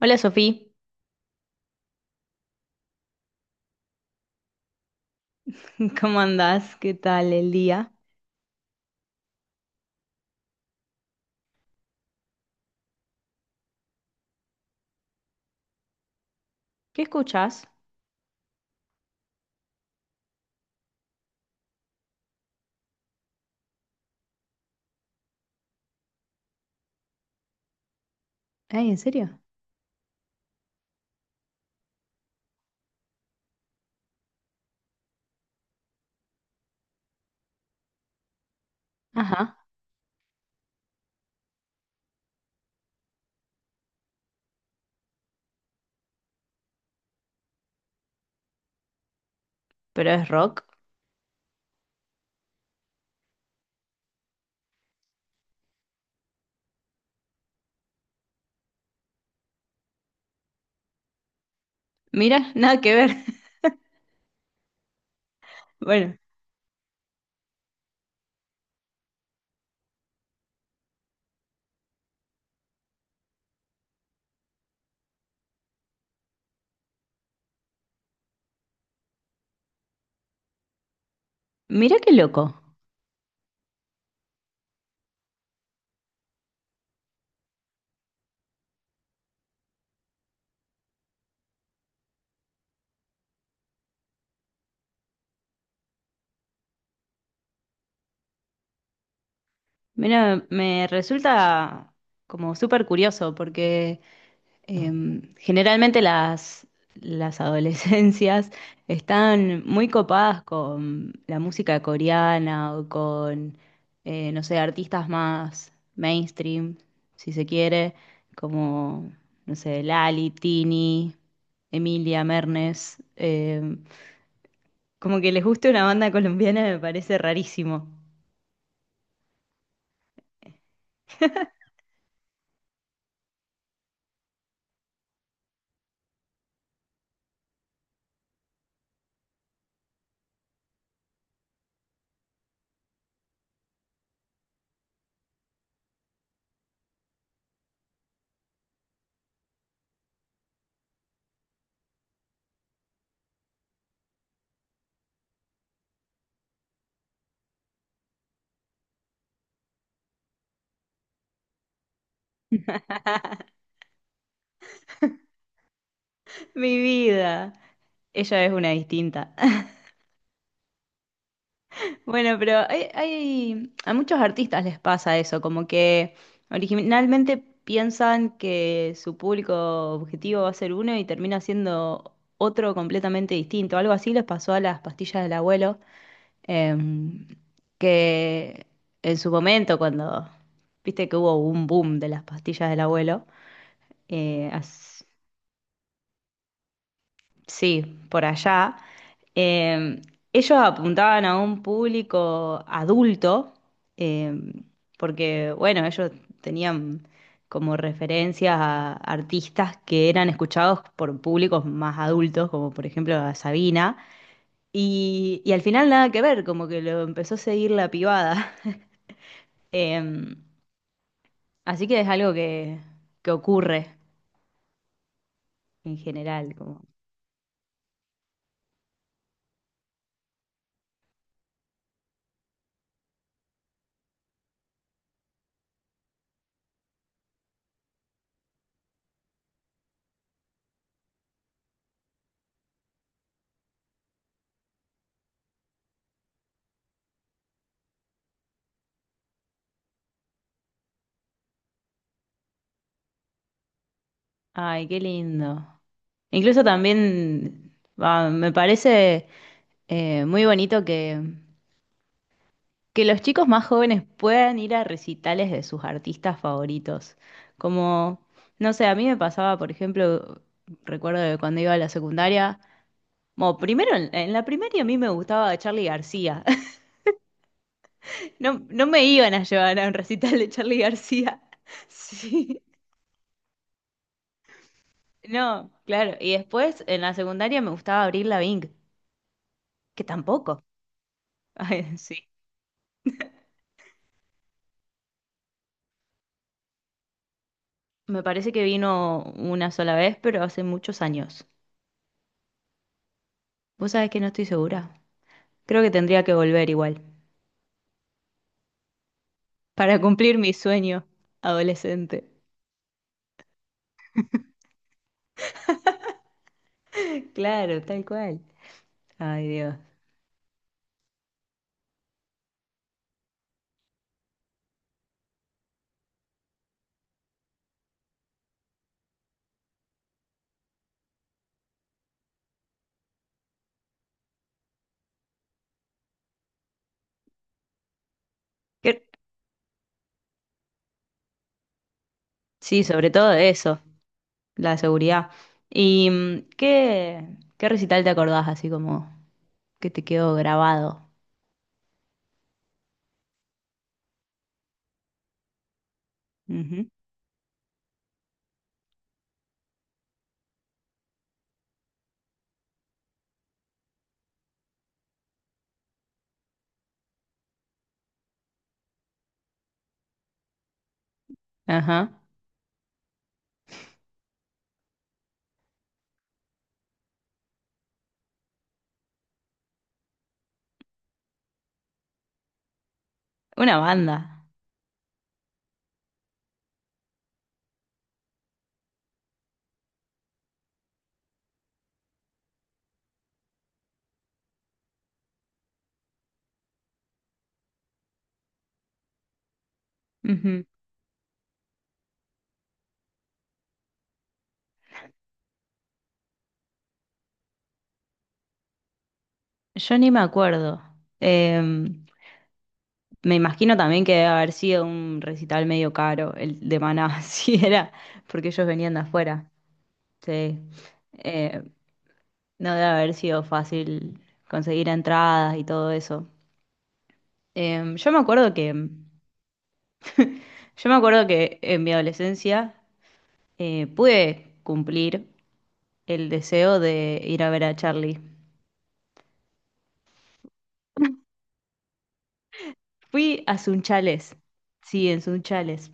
Hola Sofía. ¿Cómo andás? ¿Qué tal el día? ¿Qué escuchás? Ay, ¿en serio? Ajá, pero es rock. Mira, nada que ver. Bueno, mira qué loco. Mira, me resulta como súper curioso porque generalmente las adolescencias están muy copadas con la música coreana o con, no sé, artistas más mainstream, si se quiere, como, no sé, Lali, Tini, Emilia, Mernes. Como que les guste una banda colombiana me parece rarísimo. Mi vida. Ella es una distinta. Bueno, pero a muchos artistas les pasa eso, como que originalmente piensan que su público objetivo va a ser uno y termina siendo otro completamente distinto. Algo así les pasó a las pastillas del abuelo, em, que en su momento, cuando viste que hubo un boom de las pastillas del abuelo, eh, as- sí, por allá, eh, ellos apuntaban a un público adulto, eh, porque, bueno, ellos tenían como referencias a artistas que eran escuchados por públicos más adultos, como por ejemplo a Sabina, y al final nada que ver, como que lo empezó a seguir la pibada. Em, Así que es algo que ocurre en general, como... Ay, qué lindo. Incluso también ah, me parece muy bonito que los chicos más jóvenes puedan ir a recitales de sus artistas favoritos. Como, no sé, a mí me pasaba, por ejemplo, recuerdo de cuando iba a la secundaria, bueno, primero en la primaria a mí me gustaba Charly García. No, no me iban a llevar a un recital de Charly García. Sí, no, claro. Y después en la secundaria me gustaba Avril Lavigne, que tampoco. Ay, sí. Me parece que vino una sola vez, pero hace muchos años. Vos sabés que no estoy segura. Creo que tendría que volver igual, para cumplir mi sueño adolescente. Claro, tal cual. Ay, Dios. ¿Qué-? Sí, sobre todo de eso, la seguridad. ¿Y qué, qué recital te acordás así como que te quedó grabado? Ujú. Ajá. Una banda. Ujú. Yo ni me acuerdo. Em, Me imagino también que debe haber sido un recital medio caro, el de Maná, si era, porque ellos venían de afuera. Sí. Eh, no debe haber sido fácil conseguir entradas y todo eso. Eh, yo me acuerdo que, yo me acuerdo que en mi adolescencia pude cumplir el deseo de ir a ver a Charlie. Fui a Sunchales, sí, en Sunchales.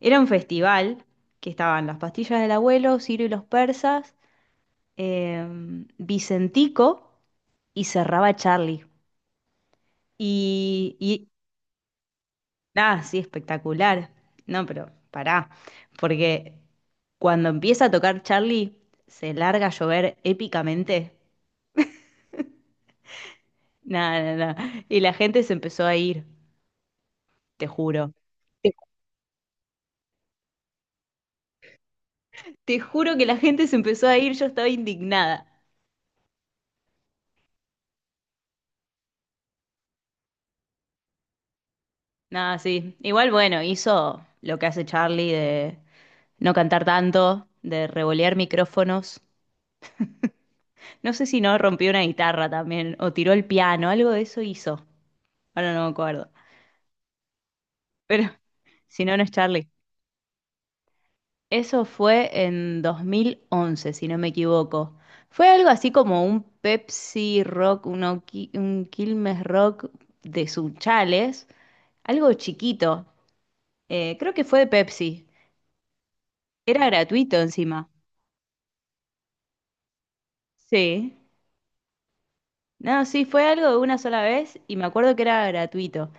Era un festival que estaban las pastillas del abuelo, Ciro y los persas, Vicentico y cerraba Charlie. Y nada, sí, espectacular. No, pero pará, porque cuando empieza a tocar Charlie, se larga a llover épicamente. Nada, nada, nada. Y la gente se empezó a ir, te juro. Te, Te juro que la gente se empezó a ir, yo estaba indignada. Nada, sí. Igual, bueno, hizo lo que hace Charlie de no cantar tanto, de revolear micrófonos. No sé si no rompió una guitarra también, o tiró el piano, algo de eso hizo. Ahora no me acuerdo. Pero si no, no es Charlie. Eso fue en 2011, si no me equivoco. Fue algo así como un Pepsi Rock, un, un Quilmes Rock de Sunchales, algo chiquito. Creo que fue de Pepsi. Era gratuito encima. Sí. No, sí, fue algo de una sola vez y me acuerdo que era gratuito.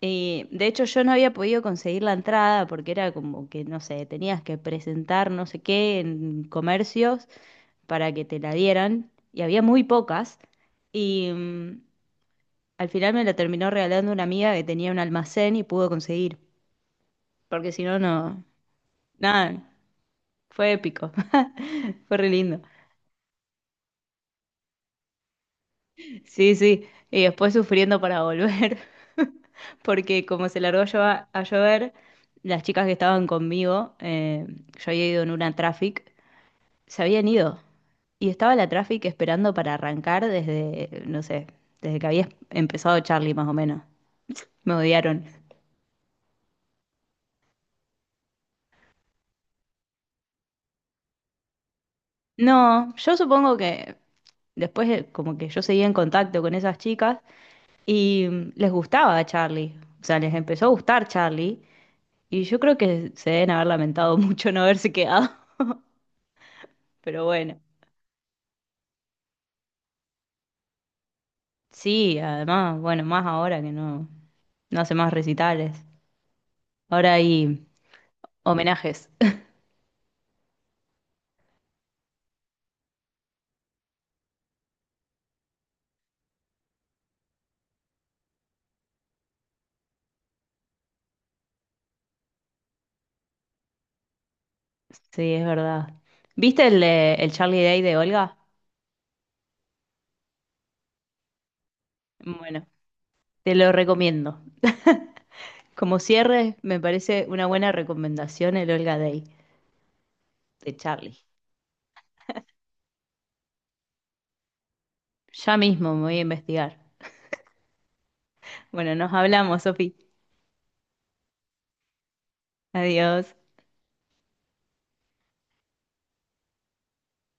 De hecho, yo no había podido conseguir la entrada porque era como que, no sé, tenías que presentar no sé qué en comercios para que te la dieran y había muy pocas. Y al final me la terminó regalando una amiga que tenía un almacén y pudo conseguir, porque si no, no, nada, fue épico, fue re lindo. Sí, sí, y después sufriendo para volver, porque como se largó a llover, las chicas que estaban conmigo, yo había ido en una traffic, se habían ido. Y estaba la Traffic esperando para arrancar desde, no sé, desde que había empezado Charlie más o menos. Me odiaron. No, yo supongo que después como que yo seguía en contacto con esas chicas y les gustaba a Charlie. O sea, les empezó a gustar Charlie y yo creo que se deben haber lamentado mucho no haberse quedado. Pero bueno, sí, además, bueno, más ahora que no, no hace más recitales. Ahora hay homenajes. Sí, es verdad. ¿Viste el Charlie Day de Olga? Bueno, te lo recomiendo. Como cierre, me parece una buena recomendación el Olga Day de Charlie. Ya mismo me voy a investigar. Bueno, nos hablamos, Sofi. Adiós.